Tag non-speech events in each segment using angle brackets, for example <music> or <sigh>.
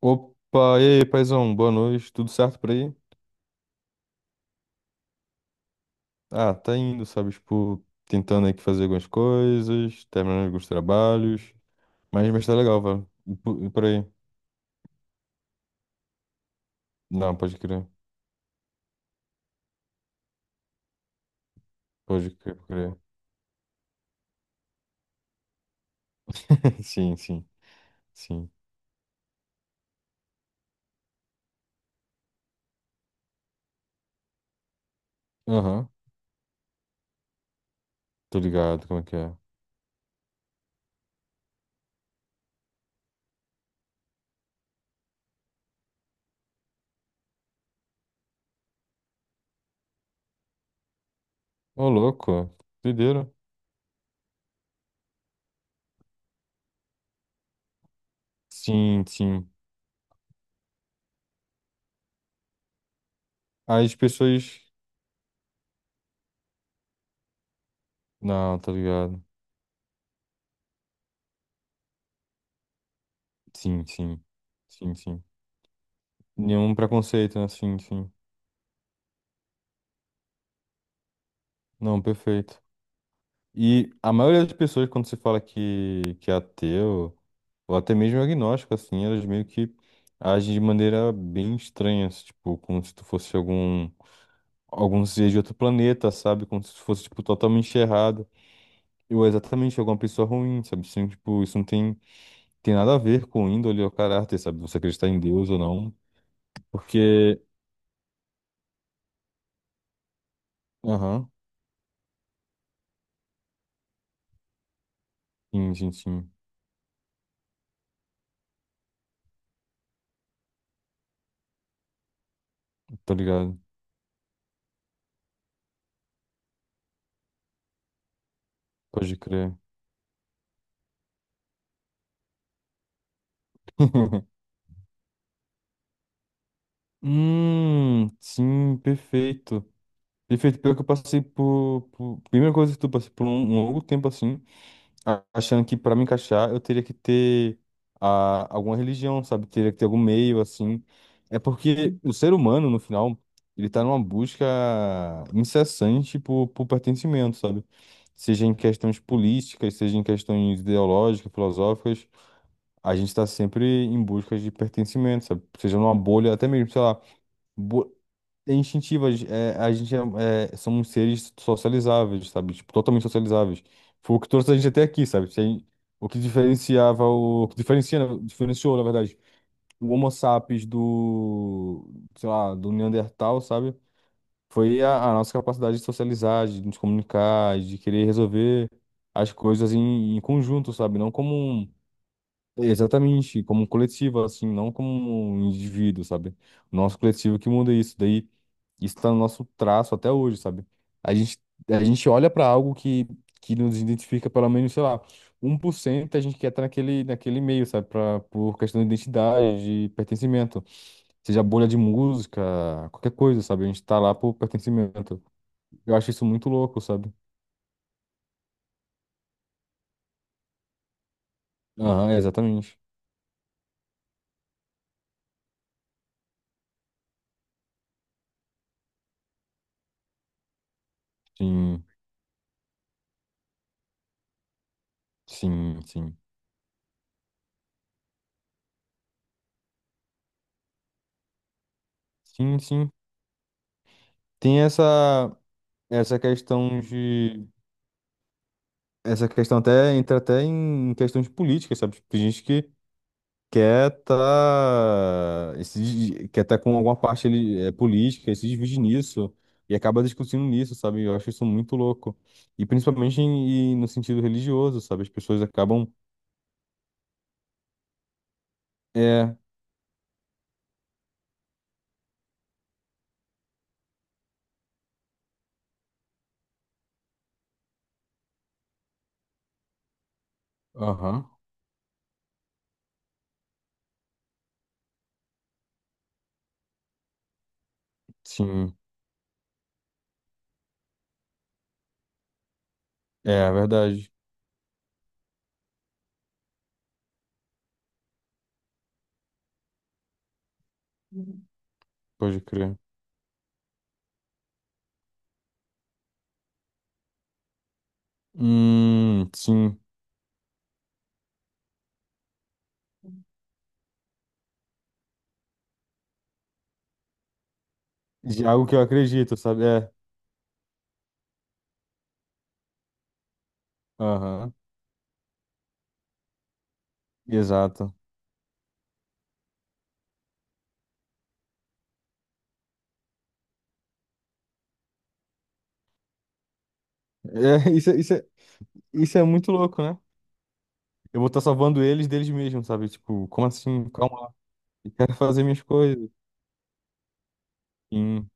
Opa, e aí, paizão, boa noite, tudo certo por aí? Ah, tá indo, sabe, tipo, tentando aqui fazer algumas coisas, terminando alguns trabalhos, mas tá legal, velho, e por aí? Não, pode crer, pode crer, pode crer. <laughs> Sim, sim, sim. Aham, tô ligado, como é que é? Ô, louco, doideira. Sim, sim. As pessoas... Não, tá ligado. Sim, sim, sim, sim. Nenhum preconceito, né? Sim, sim. Não, perfeito. E a maioria das pessoas, quando se fala que é ateu, ou até mesmo agnóstico, assim, elas meio que agem de maneira bem estranha, assim, tipo, como se tu fosse algum ser de outro planeta, sabe? Como se tu fosse, tipo, totalmente errado, ou exatamente alguma pessoa ruim, sabe? Assim, tipo, isso não tem nada a ver com índole ou caráter, sabe? Você acreditar em Deus ou não, porque... Aham, sim, sim, sim, tô ligado, pode crer. <laughs> Sim, perfeito. Perfeito, pior que eu passei primeira coisa que tu passei por um longo tempo assim, achando que pra me encaixar eu teria que ter alguma religião, sabe? Teria que ter algum meio assim. É porque o ser humano, no final, ele tá numa busca incessante por pertencimento, sabe? Seja em questões políticas, seja em questões ideológicas, filosóficas, a gente tá sempre em busca de pertencimento, sabe? Seja numa bolha, até mesmo, sei lá. bo- É instintiva, é, a gente é, somos seres socializáveis, sabe? Tipo, totalmente socializáveis. Foi o que trouxe a gente até aqui, sabe? Se a gente- O que diferenciava o que diferenciou, na verdade, o Homo sapiens sei lá, do Neandertal, sabe? Foi a nossa capacidade de socializar, de nos comunicar, de querer resolver as coisas em conjunto, sabe? Não como um. Exatamente, como um coletivo, assim, não como um indivíduo, sabe? O nosso coletivo que muda isso, daí isso tá no nosso traço até hoje, sabe? A gente, a gente olha para algo que nos identifica pelo menos, sei lá, 1% a gente quer estar naquele meio, sabe? Por questão de identidade, de pertencimento, seja bolha de música, qualquer coisa, sabe? A gente tá lá por pertencimento. Eu acho isso muito louco, sabe? Aham, exatamente. Sim, sim, sim. Sim, sim. Tem essa. Essa questão de. Essa questão até entra até em questões políticas, sabe? Tipo, tem gente que quer tá. Quer tá com alguma parte ali, é, política, e se divide nisso e acaba discutindo nisso, sabe? Eu acho isso muito louco. E principalmente e no sentido religioso, sabe? As pessoas acabam. É. Aham. Sim. É, é verdade. Pode crer. Sim. De algo que eu acredito, sabe? É. Aham. Exato. É, <laughs> isso, isso é muito louco, né? Eu vou estar salvando eles deles mesmos, sabe? Tipo, como assim? Calma lá. Eu quero fazer minhas coisas. Sim,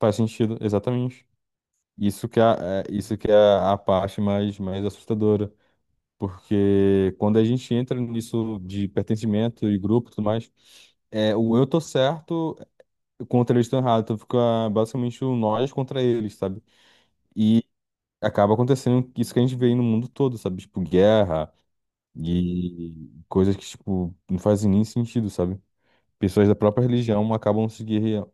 faz sentido, exatamente. Isso que é a parte mais assustadora. Porque quando a gente entra nisso de pertencimento e grupo e tudo mais, é, o eu tô certo contra eles estão errados. Então fica basicamente o nós contra eles, sabe? E acaba acontecendo isso que a gente vê aí no mundo todo, sabe? Tipo, guerra e coisas que, tipo, não fazem nem sentido, sabe? Pessoas da própria religião acabam se guerreando,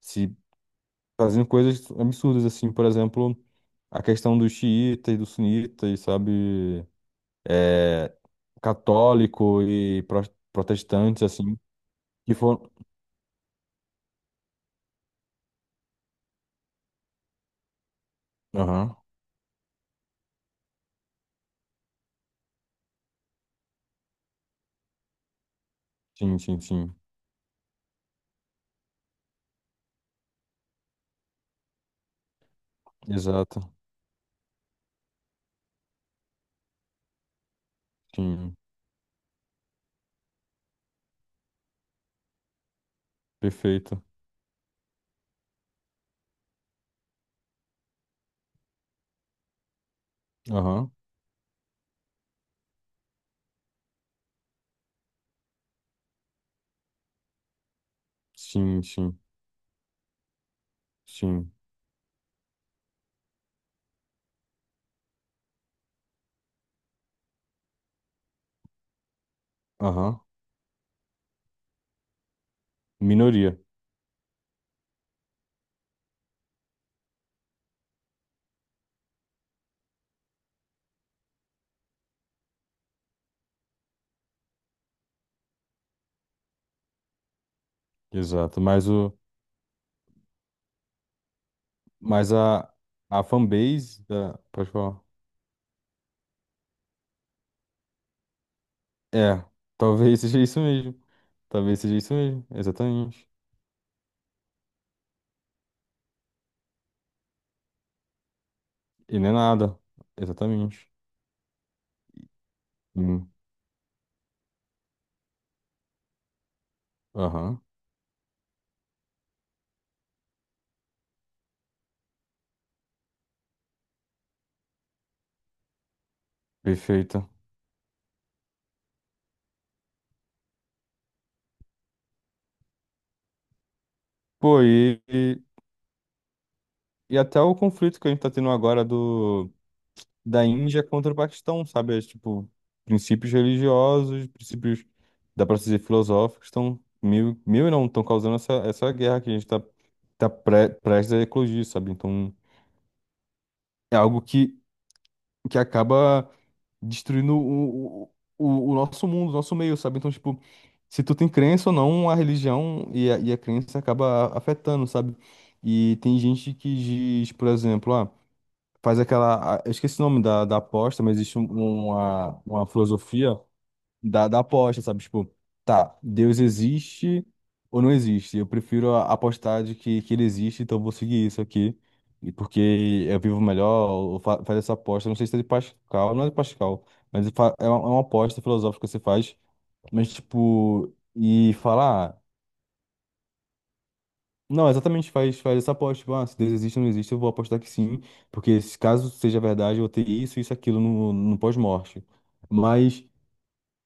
se fazendo coisas absurdas, assim, por exemplo, a questão dos xiitas, dos sunitas, sabe, é, católico e protestantes, assim, que foram... Aham, sim, sim, sim, exato, sim, perfeito, aham, sim, sim, sim, aham, minoria, exato, mas a fanbase da, pode falar. É, talvez seja isso mesmo. Talvez seja isso mesmo, exatamente. E não é nada, exatamente. Hum, Aham, perfeito. Pô, e até o conflito que a gente tá tendo agora da Índia contra o Paquistão, sabe? É, tipo, princípios religiosos, princípios, dá pra dizer, filosóficos, estão mil, mil e não, estão causando essa guerra que a gente tá prestes a eclodir, sabe? Então, é algo que acaba destruindo o nosso mundo, o nosso meio, sabe? Então, tipo, se tu tem crença ou não, a religião e a crença acaba afetando, sabe? E tem gente que diz, por exemplo, faz aquela. Eu esqueci o nome da aposta, mas existe uma filosofia da aposta, sabe? Tipo, tá, Deus existe ou não existe? Eu prefiro apostar de que ele existe, então eu vou seguir isso aqui. E porque eu vivo melhor, ou fa faz essa aposta. Não sei se é de Pascal, não é de Pascal, mas é uma aposta filosófica que você faz. Mas, tipo, e falar. Não, exatamente faz essa aposta. Tipo, se Deus existe ou não existe, eu vou apostar que sim. Porque se caso seja verdade, eu vou ter isso, isso, aquilo no pós-morte. Mas.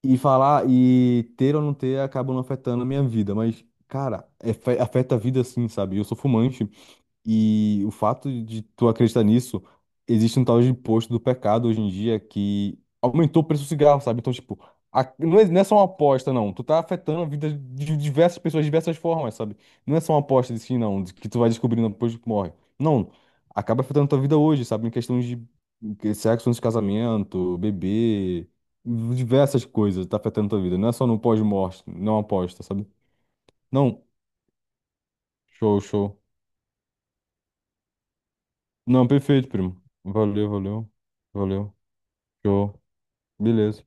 E falar, e ter ou não ter acaba não afetando a minha vida, mas, cara, afeta a vida sim, sabe? Eu sou fumante, e o fato de tu acreditar nisso, existe um tal de imposto do pecado hoje em dia que aumentou o preço do cigarro, sabe? Então, tipo, não é só uma aposta, não. Tu tá afetando a vida de diversas pessoas de diversas formas, sabe? Não é só uma aposta de si, não, de que tu vai descobrindo depois que morre. Não. Acaba afetando tua vida hoje, sabe? Em questões de sexo antes de casamento, bebê, diversas coisas tá afetando tua vida. Não é só no pós-morte, não é uma aposta, sabe? Não. Show, show. Não, perfeito, primo. Valeu, valeu. Valeu. Show. Beleza.